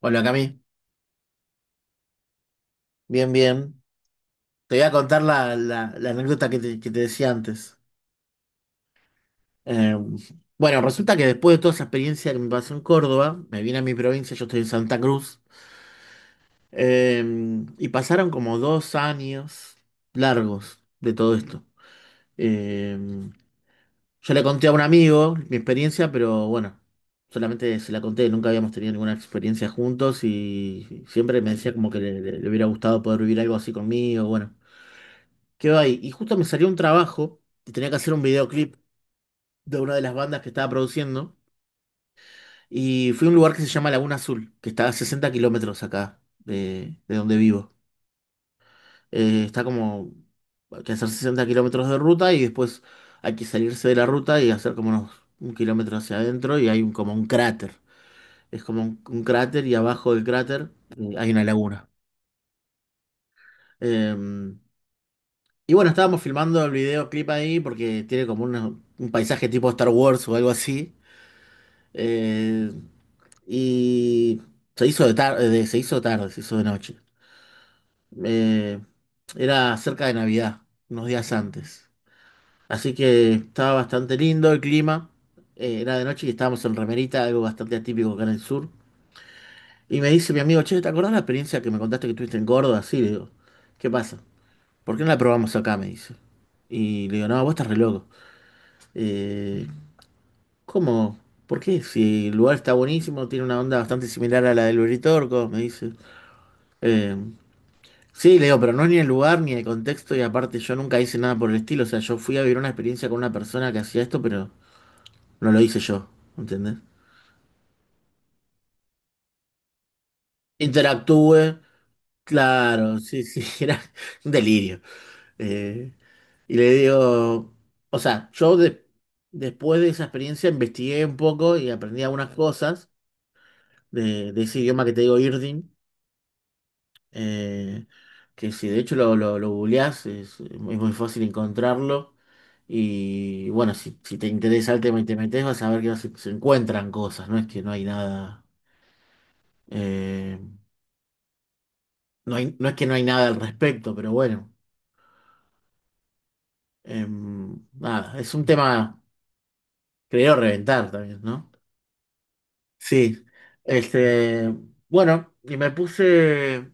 Hola Cami, bien, bien. Te voy a contar la anécdota que que te decía antes. Eh, bueno, resulta que después de toda esa experiencia que me pasó en Córdoba, me vine a mi provincia, yo estoy en Santa Cruz, eh, y pasaron como 2 años largos de todo esto. Eh, yo le conté a un amigo mi experiencia, pero bueno, solamente se la conté, nunca habíamos tenido ninguna experiencia juntos y siempre me decía como que le hubiera gustado poder vivir algo así conmigo, bueno, quedó ahí. Y justo me salió un trabajo y tenía que hacer un videoclip de una de las bandas que estaba produciendo. Y fui a un lugar que se llama Laguna Azul, que está a 60 kilómetros acá de donde vivo. Está como, hay que hacer 60 kilómetros de ruta y después hay que salirse de la ruta y hacer como unos 1 kilómetro hacia adentro y hay como un cráter. Es como un cráter y abajo del cráter hay una laguna. Em, y bueno, estábamos filmando el videoclip ahí porque tiene como un paisaje tipo Star Wars o algo así. Eh, y se hizo de tarde, se hizo de noche. Eh, era cerca de Navidad, unos días antes. Así que estaba bastante lindo el clima. Era de noche y estábamos en remerita, algo bastante atípico acá en el sur. Y me dice mi amigo, che, ¿te acordás la experiencia que me contaste que tuviste en Córdoba? Sí, le digo, ¿qué pasa? ¿Por qué no la probamos acá? Me dice. Y le digo, no, vos estás re loco. Eh, ¿Cómo? ¿Por qué? Si el lugar está buenísimo, tiene una onda bastante similar a la del Uritorco, me dice. Eh, sí, le digo, pero no es ni el lugar ni el contexto, y aparte yo nunca hice nada por el estilo. O sea, yo fui a vivir una experiencia con una persona que hacía esto, pero no lo hice yo, ¿entendés? Interactúe, claro, sí, sí, era un delirio. Eh, y le digo, o sea, después de esa experiencia investigué un poco y aprendí algunas cosas de ese idioma que te digo, Irdin. eh, que si de hecho lo googleás, es muy fácil encontrarlo. Y bueno, si te interesa el tema y te metes, vas a ver que se encuentran cosas, no es que no hay nada, eh, no es que no hay nada al respecto, pero bueno, nada, es un tema, creo, reventar también, ¿no? Sí, este, bueno, y me puse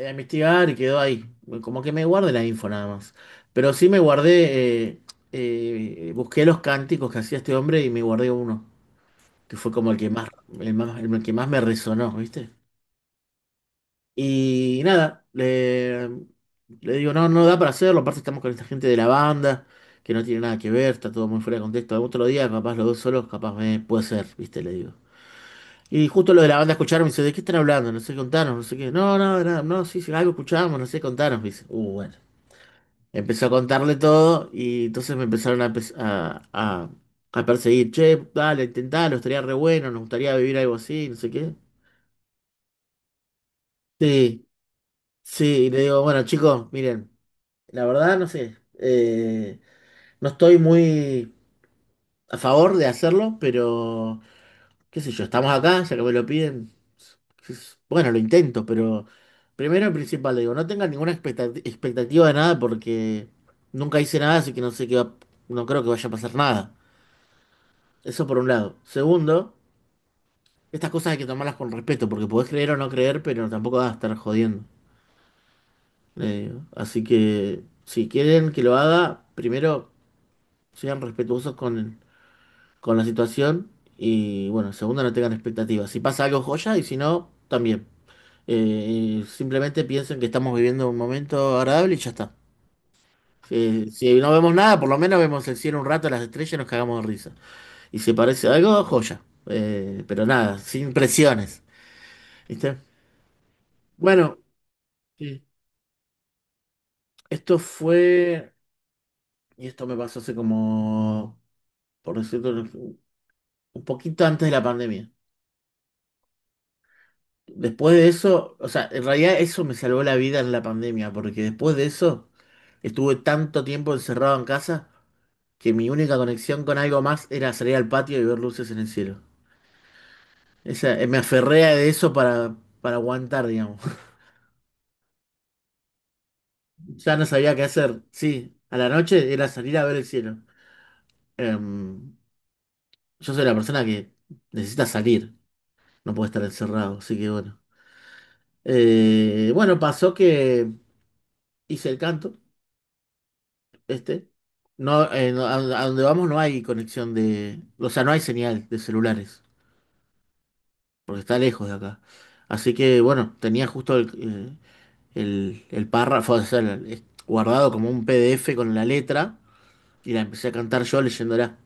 a investigar y quedó ahí. Como que me guardé la info nada más. Pero sí me guardé, busqué los cánticos que hacía este hombre y me guardé uno, que fue como el que más, el que más me resonó, ¿viste? Y nada, le digo, no, no da para hacerlo, aparte estamos con esta gente de la banda, que no tiene nada que ver, está todo muy fuera de contexto. Algún otro día, capaz los dos solos, capaz me puede ser, ¿viste? Le digo. Y justo lo de la banda escucharon, me dice, ¿de qué están hablando? No sé, contanos, no sé qué. No, no, no, no, sí, sí, algo escuchamos, no sé, contanos, me dice. Bueno. Empezó a contarle todo y entonces me empezaron a, pes- a perseguir. Che, dale, intentalo, estaría re bueno, nos gustaría vivir algo así, no sé qué. Sí, sí, y le digo, bueno, chicos, miren, la verdad no sé, no estoy muy a favor de hacerlo, pero qué sé yo, estamos acá, ya que me lo piden, bueno, lo intento, pero primero y principal le digo, no tengan ninguna expectativa de nada porque nunca hice nada, así que no sé qué va, no creo que vaya a pasar nada. Eso por un lado. Segundo, estas cosas hay que tomarlas con respeto, porque podés creer o no creer, pero tampoco vas a estar jodiendo, le digo. Así que si quieren que lo haga, primero sean respetuosos con la situación y bueno, segundo, no tengan expectativas. Si pasa algo, joya, y si no, también. Simplemente piensen que estamos viviendo un momento agradable y ya está. Si no vemos nada, por lo menos vemos el cielo un rato, las estrellas y nos cagamos de risa. Y si parece algo, joya. Pero nada, sin presiones. ¿Viste? Bueno, sí, esto fue, y esto me pasó hace como, por decirlo, un poquito antes de la pandemia. Después de eso, o sea, en realidad eso me salvó la vida en la pandemia, porque después de eso estuve tanto tiempo encerrado en casa que mi única conexión con algo más era salir al patio y ver luces en el cielo. Me aferré a eso para aguantar, digamos. Ya no sabía qué hacer. Sí, a la noche era salir a ver el cielo. Em, Yo soy la persona que necesita salir, no puede estar encerrado, así que bueno. Bueno, pasó que hice el canto, este. No, a donde vamos no hay conexión de, o sea, no hay señal de celulares, porque está lejos de acá. Así que bueno, tenía justo el párrafo, o sea, es guardado como un PDF con la letra y la empecé a cantar yo leyéndola.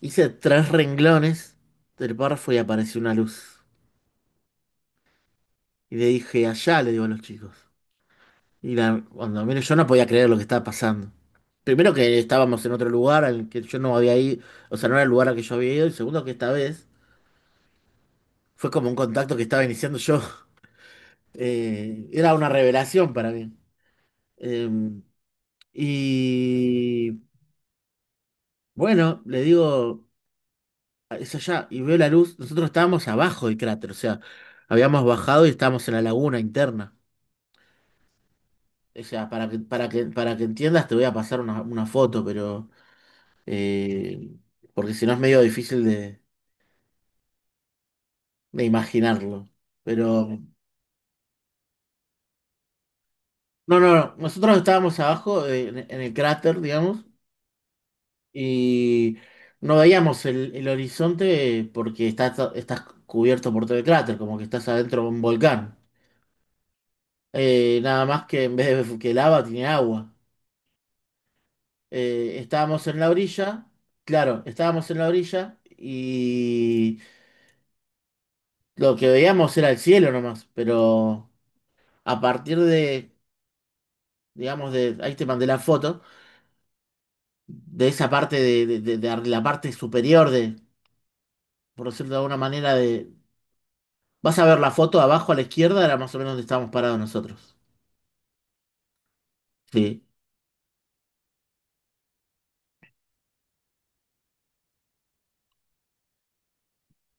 Hice 3 renglones del párrafo y apareció una luz. Y le dije, allá, le digo a los chicos. Cuando menos yo no podía creer lo que estaba pasando. Primero que estábamos en otro lugar al que yo no había ido, o sea, no era el lugar al que yo había ido, y segundo que esta vez fue como un contacto que estaba iniciando yo. Era una revelación para mí. Eh, y bueno, le digo, es allá, y veo la luz, nosotros estábamos abajo del cráter, o sea, habíamos bajado y estábamos en la laguna interna. O sea, para que entiendas, te voy a pasar una foto, pero eh, porque si no es medio difícil de imaginarlo. Pero no, no, no. Nosotros estábamos abajo en el cráter, digamos, y no veíamos el horizonte porque está, estás cubierto por todo el cráter, como que estás adentro de un volcán. Nada más que en vez de que lava tiene agua. Estábamos en la orilla, claro, estábamos en la orilla y lo que veíamos era el cielo nomás, pero a partir de, digamos, de, ahí te mandé la foto, de esa parte, de la parte superior de, por decirlo de alguna manera, de... Vas a ver la foto abajo a la izquierda, era más o menos donde estábamos parados nosotros. Sí,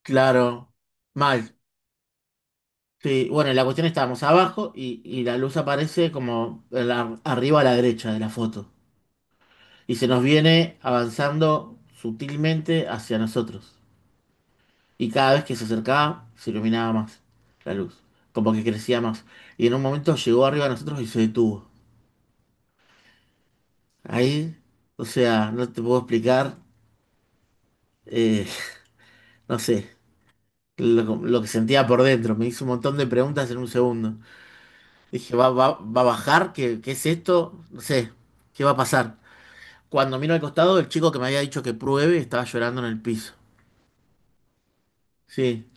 claro, mal. Sí, bueno, la cuestión estábamos abajo y la luz aparece como en arriba a la derecha de la foto. Y se nos viene avanzando sutilmente hacia nosotros. Y cada vez que se acercaba, se iluminaba más la luz, como que crecía más. Y en un momento llegó arriba a nosotros y se detuvo. Ahí, o sea, no te puedo explicar, eh, no sé, lo que sentía por dentro. Me hizo un montón de preguntas en un segundo. Dije, va a bajar? Qué es esto? No sé, ¿qué va a pasar? Cuando miro al costado, el chico que me había dicho que pruebe estaba llorando en el piso. Sí,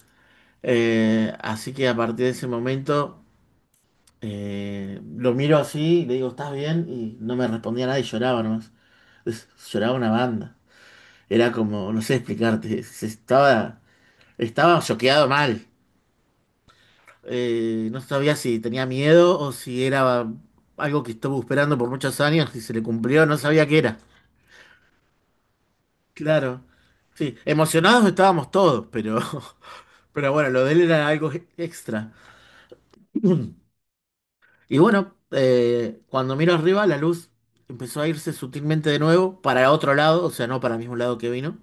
así que a partir de ese momento lo miro así, le digo, ¿estás bien? Y no me respondía nada y lloraba nomás. Lloraba una banda. Era como, no sé explicarte, se estaba Estaba choqueado mal. No sabía si tenía miedo o si era algo que estuvo esperando por muchos años y se le cumplió, no sabía qué era. Claro. Sí, emocionados estábamos todos, pero, pero bueno, lo de él era algo extra. Y bueno, cuando miro arriba, la luz empezó a irse sutilmente de nuevo para otro lado, o sea, no para el mismo lado que vino.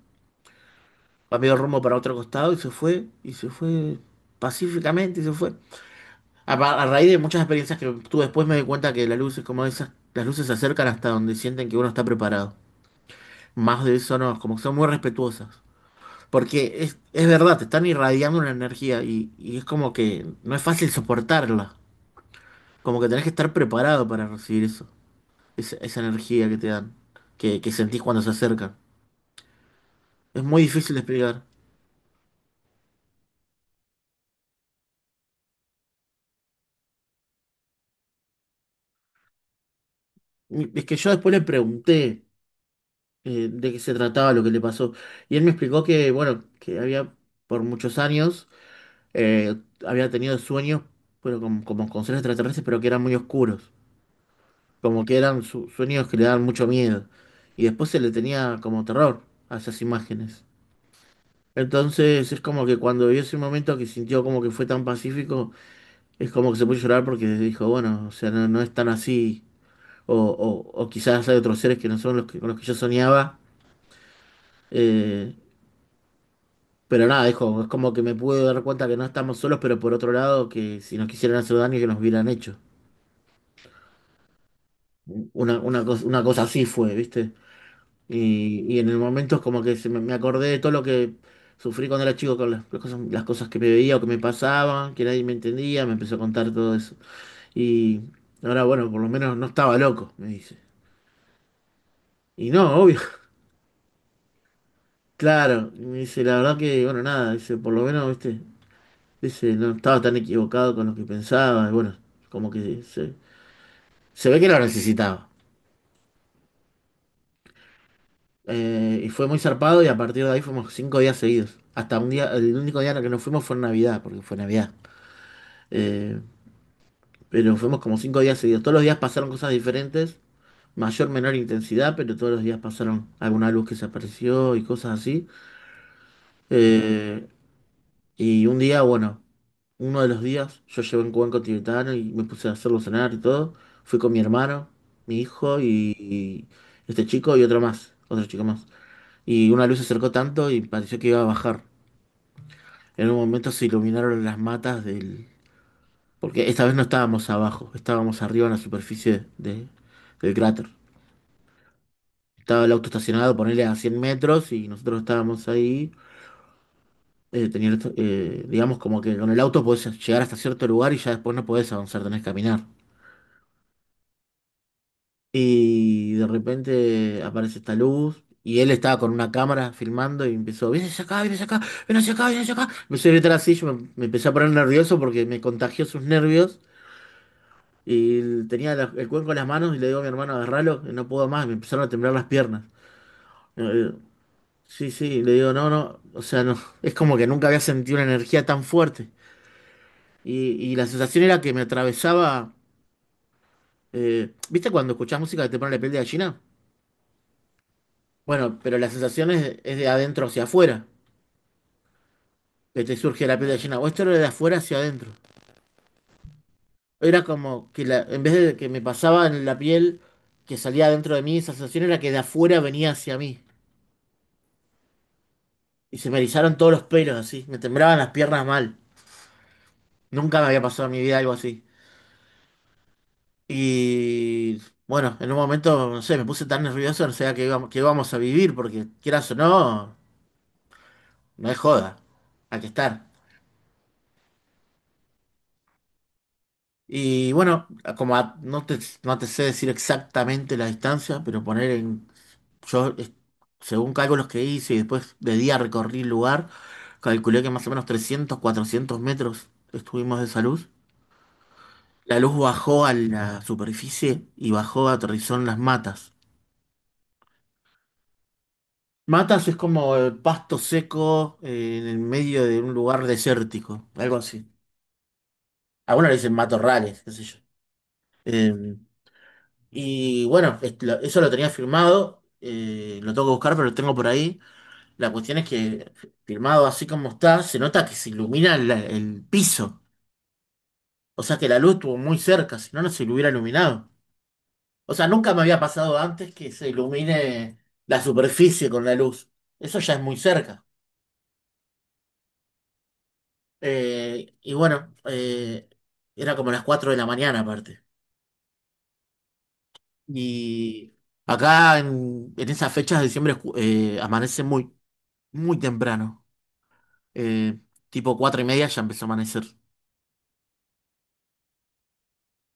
Cambió de rumbo para otro costado y se fue pacíficamente y se fue. A raíz de muchas experiencias que tuve después me di cuenta que las luces, como esas, las luces se acercan hasta donde sienten que uno está preparado. Más de eso no, como que son muy respetuosas. Porque es verdad, te están irradiando una energía y es como que no es fácil soportarla. Como que tenés que estar preparado para recibir eso. Esa energía que te dan, que sentís cuando se acercan. Es muy difícil de explicar. Y es que yo después le pregunté de qué se trataba lo que le pasó. Y él me explicó que, bueno, que había por muchos años eh, había tenido sueños, pero como con seres extraterrestres, pero que eran muy oscuros. Como que eran sueños que le daban mucho miedo. Y después se le tenía como terror a esas imágenes. Entonces es como que cuando vio ese momento que sintió como que fue tan pacífico, es como que se puso a llorar porque dijo, bueno, o sea, no, no es tan así. O, o quizás hay otros seres que no son los que, con los que yo soñaba. eh, pero nada, dijo, es como que me pude dar cuenta que no estamos solos, pero por otro lado, que si nos quisieran hacer daño, que nos hubieran hecho. Una cosa así fue, ¿viste? Y en el momento es como que me acordé de todo lo que sufrí cuando era chico, con las cosas que me veía o que me pasaban, que nadie me entendía, me empezó a contar todo eso. Y ahora, bueno, por lo menos no estaba loco, me dice. Y no, obvio, claro, y me dice, la verdad que, bueno, nada, dice, por lo menos, ¿viste? Dice, no estaba tan equivocado con lo que pensaba, y bueno, como que se ve que lo necesitaba. Y fue muy zarpado y a partir de ahí fuimos 5 días seguidos. Hasta un día, el único día en el que nos fuimos fue en Navidad, porque fue Navidad. Eh, pero fuimos como 5 días seguidos. Todos los días pasaron cosas diferentes, mayor, menor intensidad, pero todos los días pasaron alguna luz que se apareció y cosas así. Eh, y un día, bueno, uno de los días yo llevé un cuenco tibetano y me puse a hacerlo cenar y todo. Fui con mi hermano, mi hijo y este chico y otro más, otro chico más. Y una luz se acercó tanto y pareció que iba a bajar. En un momento se iluminaron las matas del... Porque esta vez no estábamos abajo, estábamos arriba en la superficie del cráter. Estaba el auto estacionado, ponele a 100 metros y nosotros estábamos ahí. Tenía digamos como que con el auto podés llegar hasta cierto lugar y ya después no podés avanzar, tenés que caminar. Y de repente aparece esta luz y él estaba con una cámara filmando y empezó, ven hacia acá, ven hacia acá, ven hacia acá, ven hacia acá. Empezó a gritar así, me empecé a poner nervioso porque me contagió sus nervios. Tenía el cuenco en las manos y le digo a mi hermano, agarralo, que no puedo más, me empezaron a temblar las piernas. Eh, sí, sí, le digo, no, no, o sea, no, es como que nunca había sentido una energía tan fuerte. Y la sensación era que me atravesaba, ¿viste cuando escuchás música que te pone la piel de gallina? Bueno, pero la sensación es de adentro hacia afuera, que te surge la piel de gallina, o esto era de afuera hacia adentro. Era como que en vez de que me pasaba en la piel, que salía adentro de mí, esa sensación era que de afuera venía hacia mí. Y se me erizaron todos los pelos así, me temblaban las piernas mal. Nunca me había pasado en mi vida algo así. Y bueno, en un momento, no sé, me puse tan nervioso, no sabía que íbamos a vivir, porque quieras o no, no es joda, hay que estar. Y bueno, como no te sé decir exactamente la distancia, pero poner en, yo, según cálculos que hice y después de día recorrí el lugar, calculé que más o menos 300, 400 metros estuvimos de salud. La luz bajó a la superficie y bajó, aterrizó en las matas. Matas es como el pasto seco en el medio de un lugar desértico, algo así. Algunos le dicen matorrales, qué sé yo. Eh, y bueno, eso lo tenía firmado, lo tengo que buscar, pero lo tengo por ahí. La cuestión es que firmado así como está, se nota que se ilumina el piso. O sea que la luz estuvo muy cerca, si no, no se lo hubiera iluminado. O sea, nunca me había pasado antes que se ilumine la superficie con la luz. Eso ya es muy cerca. Y bueno, era como las 4 de la mañana aparte. Y acá en esas fechas de diciembre amanece muy, muy temprano. Eh, Tipo 4 y media ya empezó a amanecer.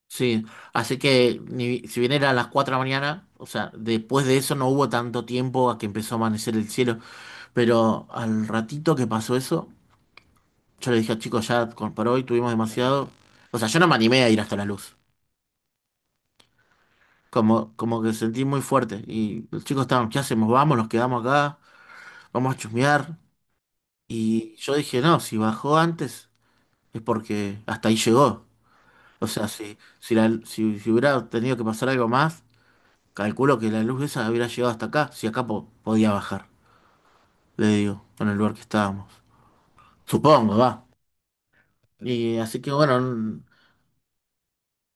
Sí, así que si bien era las 4 de la mañana, o sea, después de eso no hubo tanto tiempo a que empezó a amanecer el cielo, pero al ratito que pasó eso... Yo le dije a chicos, ya por hoy tuvimos demasiado. O sea, yo no me animé a ir hasta la luz. Como que sentí muy fuerte. Y los chicos estaban, ¿qué hacemos? Vamos, nos quedamos acá, vamos a chusmear. Y yo dije, no, si bajó antes es porque hasta ahí llegó. O sea, si hubiera tenido que pasar algo más, calculo que la luz esa hubiera llegado hasta acá, si acá podía bajar, le digo, en el lugar que estábamos. Supongo, va. Y así que bueno,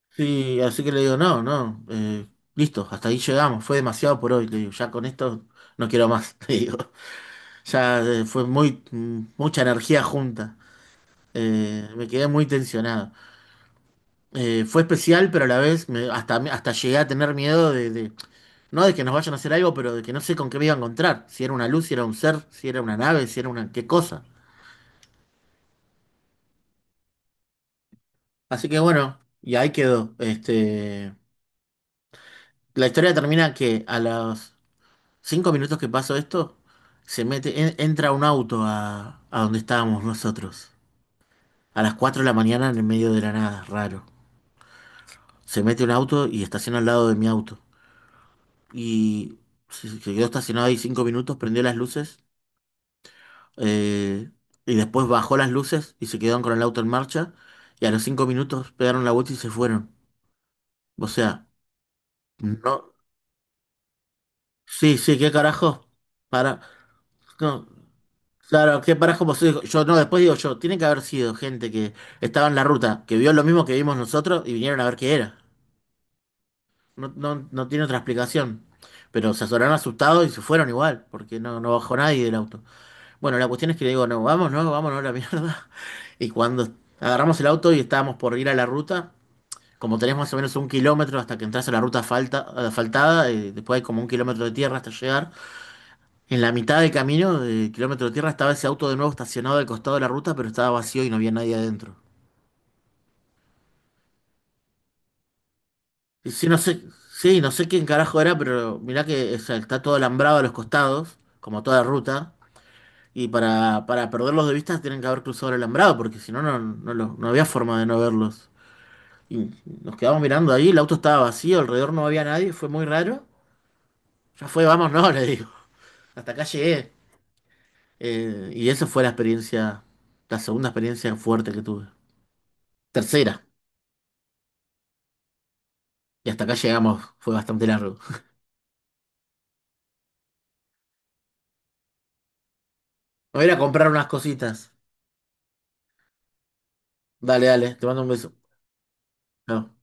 sí, así que le digo, no, no, listo, hasta ahí llegamos, fue demasiado por hoy, le digo, ya con esto no quiero más, le digo, ya fue muy, mucha energía junta, me quedé muy tensionado. Fue especial, pero a la vez hasta, hasta llegué a tener miedo no de que nos vayan a hacer algo, pero de que no sé con qué me iba a encontrar, si era una luz, si era un ser, si era una nave, si era una qué cosa. Así que bueno, y ahí quedó, este, la historia termina que a los 5 minutos que pasó esto, se mete, entra un auto a donde estábamos nosotros. A las 4 de la mañana en el medio de la nada, raro. Se mete un auto y estaciona al lado de mi auto. Y se quedó estacionado ahí 5 minutos, prendió las luces, eh, y después bajó las luces y se quedaron con el auto en marcha. Y a los 5 minutos pegaron la vuelta y se fueron. O sea, no. Sí, sí, qué carajo. Para. No. Claro, que parás como soy yo, no, después digo yo, tiene que haber sido gente que estaba en la ruta, que vio lo mismo que vimos nosotros y vinieron a ver qué era. No, no, no tiene otra explicación. Pero se azoraron asustados y se fueron igual, porque no, no bajó nadie del auto. Bueno, la cuestión es que le digo, no, vamos, no, vámonos a la mierda. Y cuando agarramos el auto y estábamos por ir a la ruta, como tenés más o menos un kilómetro hasta que entras a la ruta falta, asfaltada, después hay como un kilómetro de tierra hasta llegar. En la mitad del camino, de kilómetro de tierra, estaba ese auto de nuevo estacionado al costado de la ruta, pero estaba vacío y no había nadie adentro. Y sí, no sé quién carajo era, pero mirá que o sea, está todo alambrado a los costados, como toda ruta, y para perderlos de vista tienen que haber cruzado el alambrado, porque si no, no, no, no había forma de no verlos. Y nos quedamos mirando ahí, el auto estaba vacío, alrededor no había nadie, fue muy raro. Ya fue, vamos, no, le digo. Hasta acá llegué. Y esa fue la experiencia, la segunda experiencia fuerte que tuve. Tercera. Y hasta acá llegamos, fue bastante largo. Me voy a ir a comprar unas cositas. Dale, dale, te mando un beso. Chao.